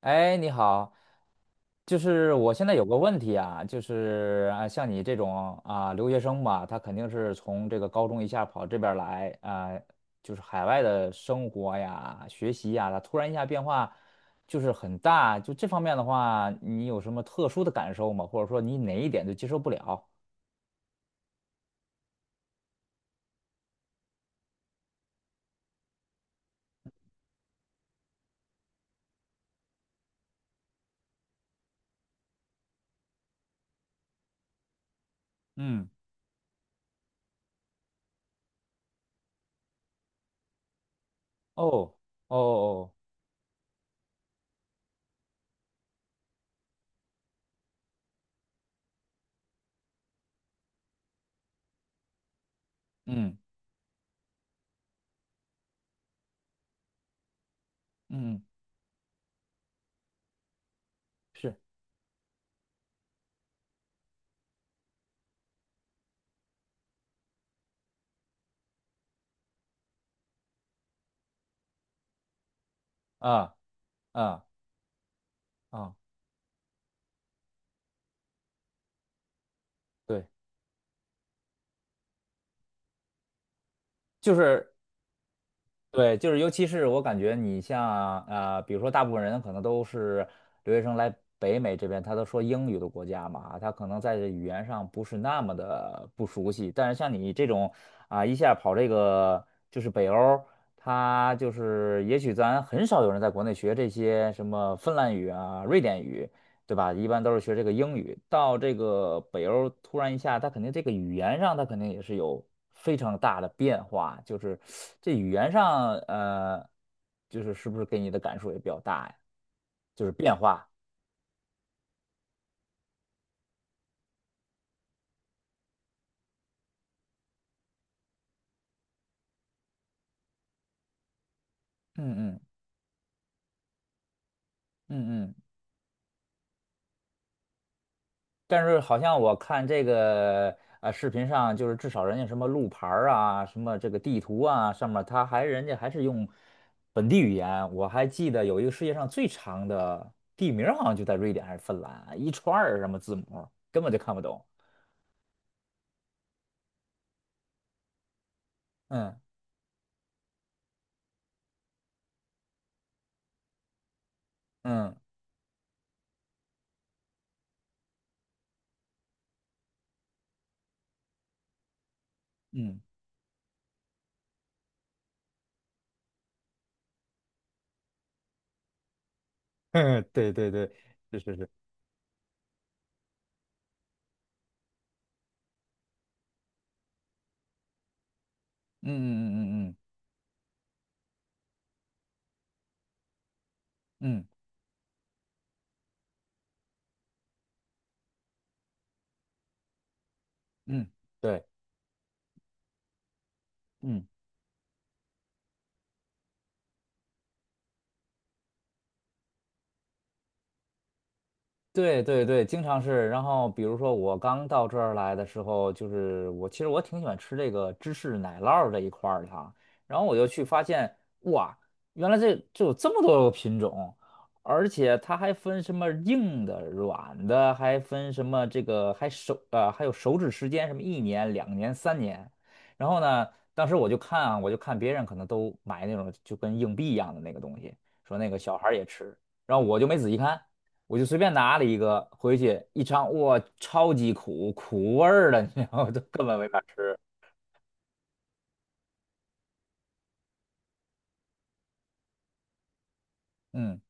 哎，你好，就是我现在有个问题啊，就是啊，像你这种啊留学生吧，他肯定是从这个高中一下跑这边儿来啊，就是海外的生活呀、学习呀，他突然一下变化就是很大，就这方面的话，你有什么特殊的感受吗？或者说你哪一点就接受不了？嗯。哦哦哦，嗯嗯，是啊啊啊，对，就是。对，就是尤其是我感觉你像比如说大部分人可能都是留学生来北美这边，他都说英语的国家嘛，他可能在这语言上不是那么的不熟悉。但是像你这种啊、一下跑这个就是北欧，他就是也许咱很少有人在国内学这些什么芬兰语啊、瑞典语，对吧？一般都是学这个英语，到这个北欧突然一下，他肯定这个语言上，他肯定也是有非常大的变化，就是这语言上，就是是不是给你的感受也比较大呀？就是变化。嗯嗯嗯嗯。但是好像我看这个视频上，就是至少人家什么路牌儿啊，什么这个地图啊，上面他还人家还是用本地语言。我还记得有一个世界上最长的地名儿，好像就在瑞典还是芬兰，一串儿什么字母，根本就看不懂。嗯嗯嗯，对对对，是是是，嗯嗯嗯嗯嗯嗯嗯，对，嗯。对对对，经常是。然后比如说我刚到这儿来的时候，就是我其实我挺喜欢吃这个芝士奶酪儿这一块儿的哈。然后我就去发现，哇，原来这有这么多个品种，而且它还分什么硬的、软的，还分什么这个还有手指时间，什么一年、2年、3年。然后呢，当时我就看啊，我就看别人可能都买那种就跟硬币一样的那个东西，说那个小孩儿也吃，然后我就没仔细看。我就随便拿了一个回去一尝，哇，超级苦，苦味儿的，你知道吗？都根本没法吃。嗯，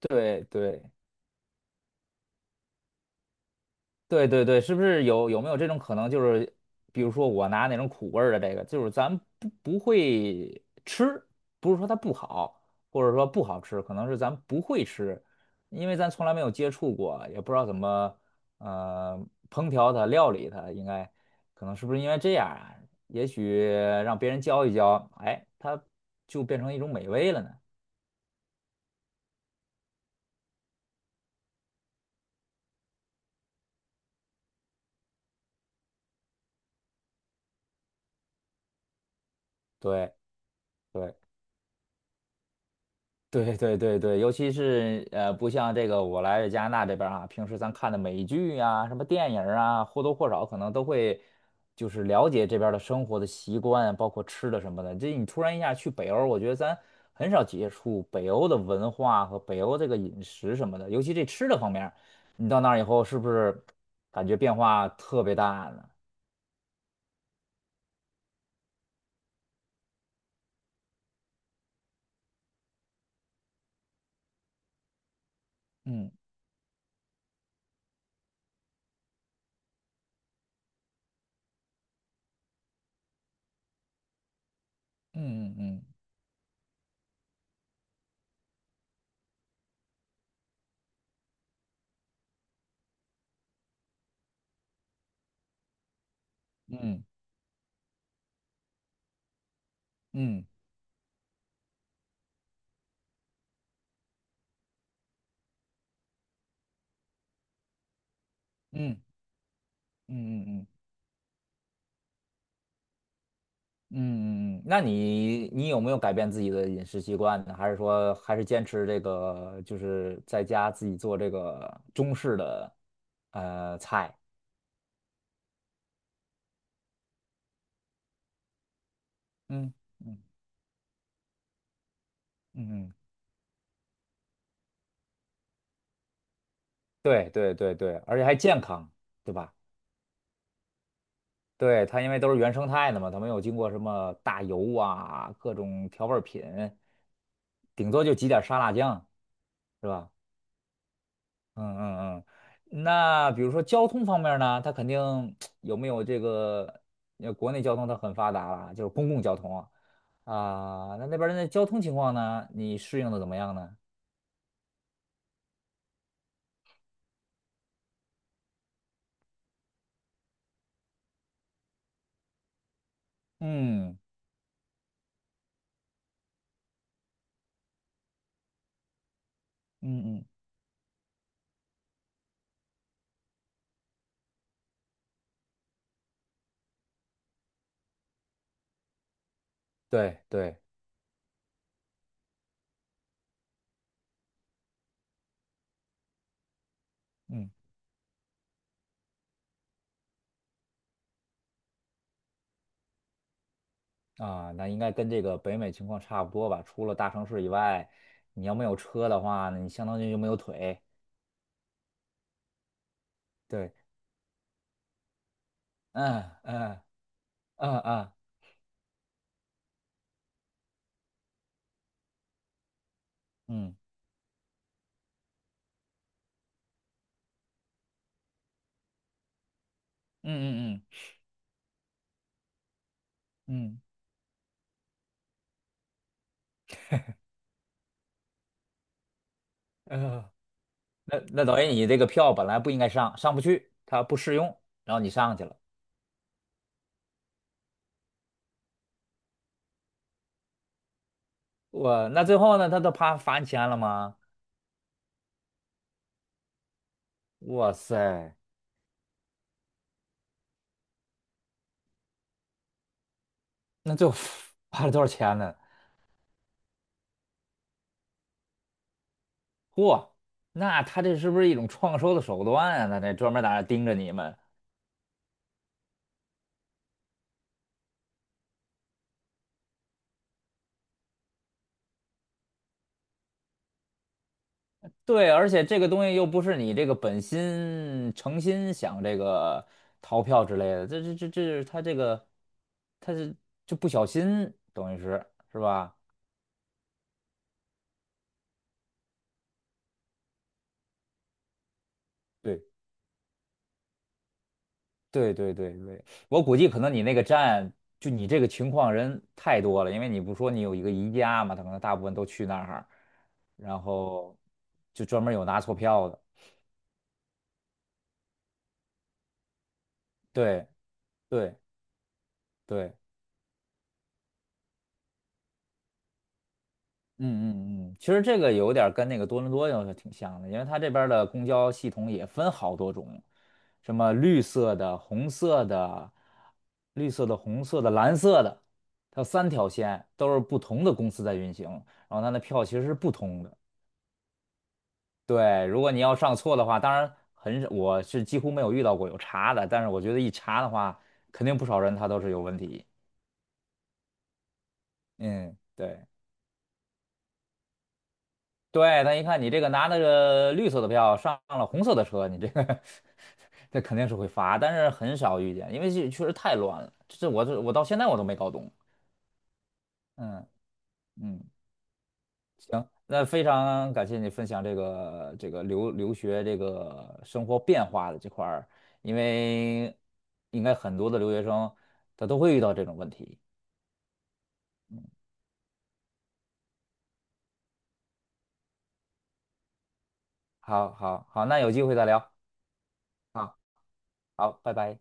对对，对对对，是不是有没有这种可能？就是比如说我拿那种苦味儿的这个，就是咱不会吃，不是说它不好，或者说不好吃，可能是咱不会吃，因为咱从来没有接触过，也不知道怎么烹调它、料理它，应该可能是不是因为这样啊？也许让别人教一教，哎，它就变成一种美味了呢。对。对。对对对对，尤其是不像这个我来加拿大这边儿啊，平时咱看的美剧呀、什么电影儿啊，或多或少可能都会就是了解这边儿的生活的习惯，包括吃的什么的。这你突然一下去北欧，我觉得咱很少接触北欧的文化和北欧这个饮食什么的，尤其这吃的方面儿你到那儿以后是不是感觉变化特别大呢？嗯嗯嗯嗯嗯嗯嗯嗯嗯嗯嗯。嗯嗯，嗯嗯那你有没有改变自己的饮食习惯呢？还是说还是坚持这个，就是在家自己做这个中式的菜？嗯嗯嗯，对对对对，而且还健康，对吧？对，它因为都是原生态的嘛，它没有经过什么大油啊、各种调味儿品，顶多就挤点儿沙拉酱，是吧？嗯嗯嗯，那比如说交通方面呢，它肯定有没有这个，国内交通它很发达了，就是公共交通啊，啊，那那边儿的交通情况呢，你适应的怎么样呢？嗯嗯嗯，对对，嗯啊，那应该跟这个北美情况差不多吧，除了大城市以外，你要没有车的话，那你相当于就没有腿。对，嗯嗯嗯嗯嗯嗯嗯嗯嗯。嗯嗯那等于你这个票本来不应该上，上不去，它不适用，然后你上去了，我那最后呢，他都怕罚你钱了吗？哇塞，那最后 罚了多少钱呢？嚯，那他这是不是一种创收的手段啊？那这专门在那盯着你们。对，而且这个东西又不是你这个本心诚心想这个逃票之类的，这是他这个他是就不小心，等于是是吧？对。对对对对，我估计可能你那个站，就你这个情况人太多了，因为你不说你有一个宜家嘛，他可能大部分都去那儿，然后就专门有拿错票的。对对对，嗯嗯嗯，其实这个有点儿跟那个多伦多要是挺像的，因为它这边儿的公交系统也分好多种，什么绿色的、红色的、绿色的、红色的、蓝色的，它有3条线，都是不同的公司在运行，然后它的票其实是不同的。对，如果你要上错的话，当然很少，我是几乎没有遇到过有查的，但是我觉得一查的话，肯定不少人他都是有问题。嗯，对，对，他一看你这个拿那个绿色的票上了红色的车，你这个 这肯定是会罚，但是很少遇见，因为这确实太乱了，这我到现在我都没搞懂。嗯嗯。行，那非常感谢你分享这个留学这个生活变化的这块儿，因为应该很多的留学生他都会遇到这种问题。好，好，好，那有机会再聊。好，好，拜拜。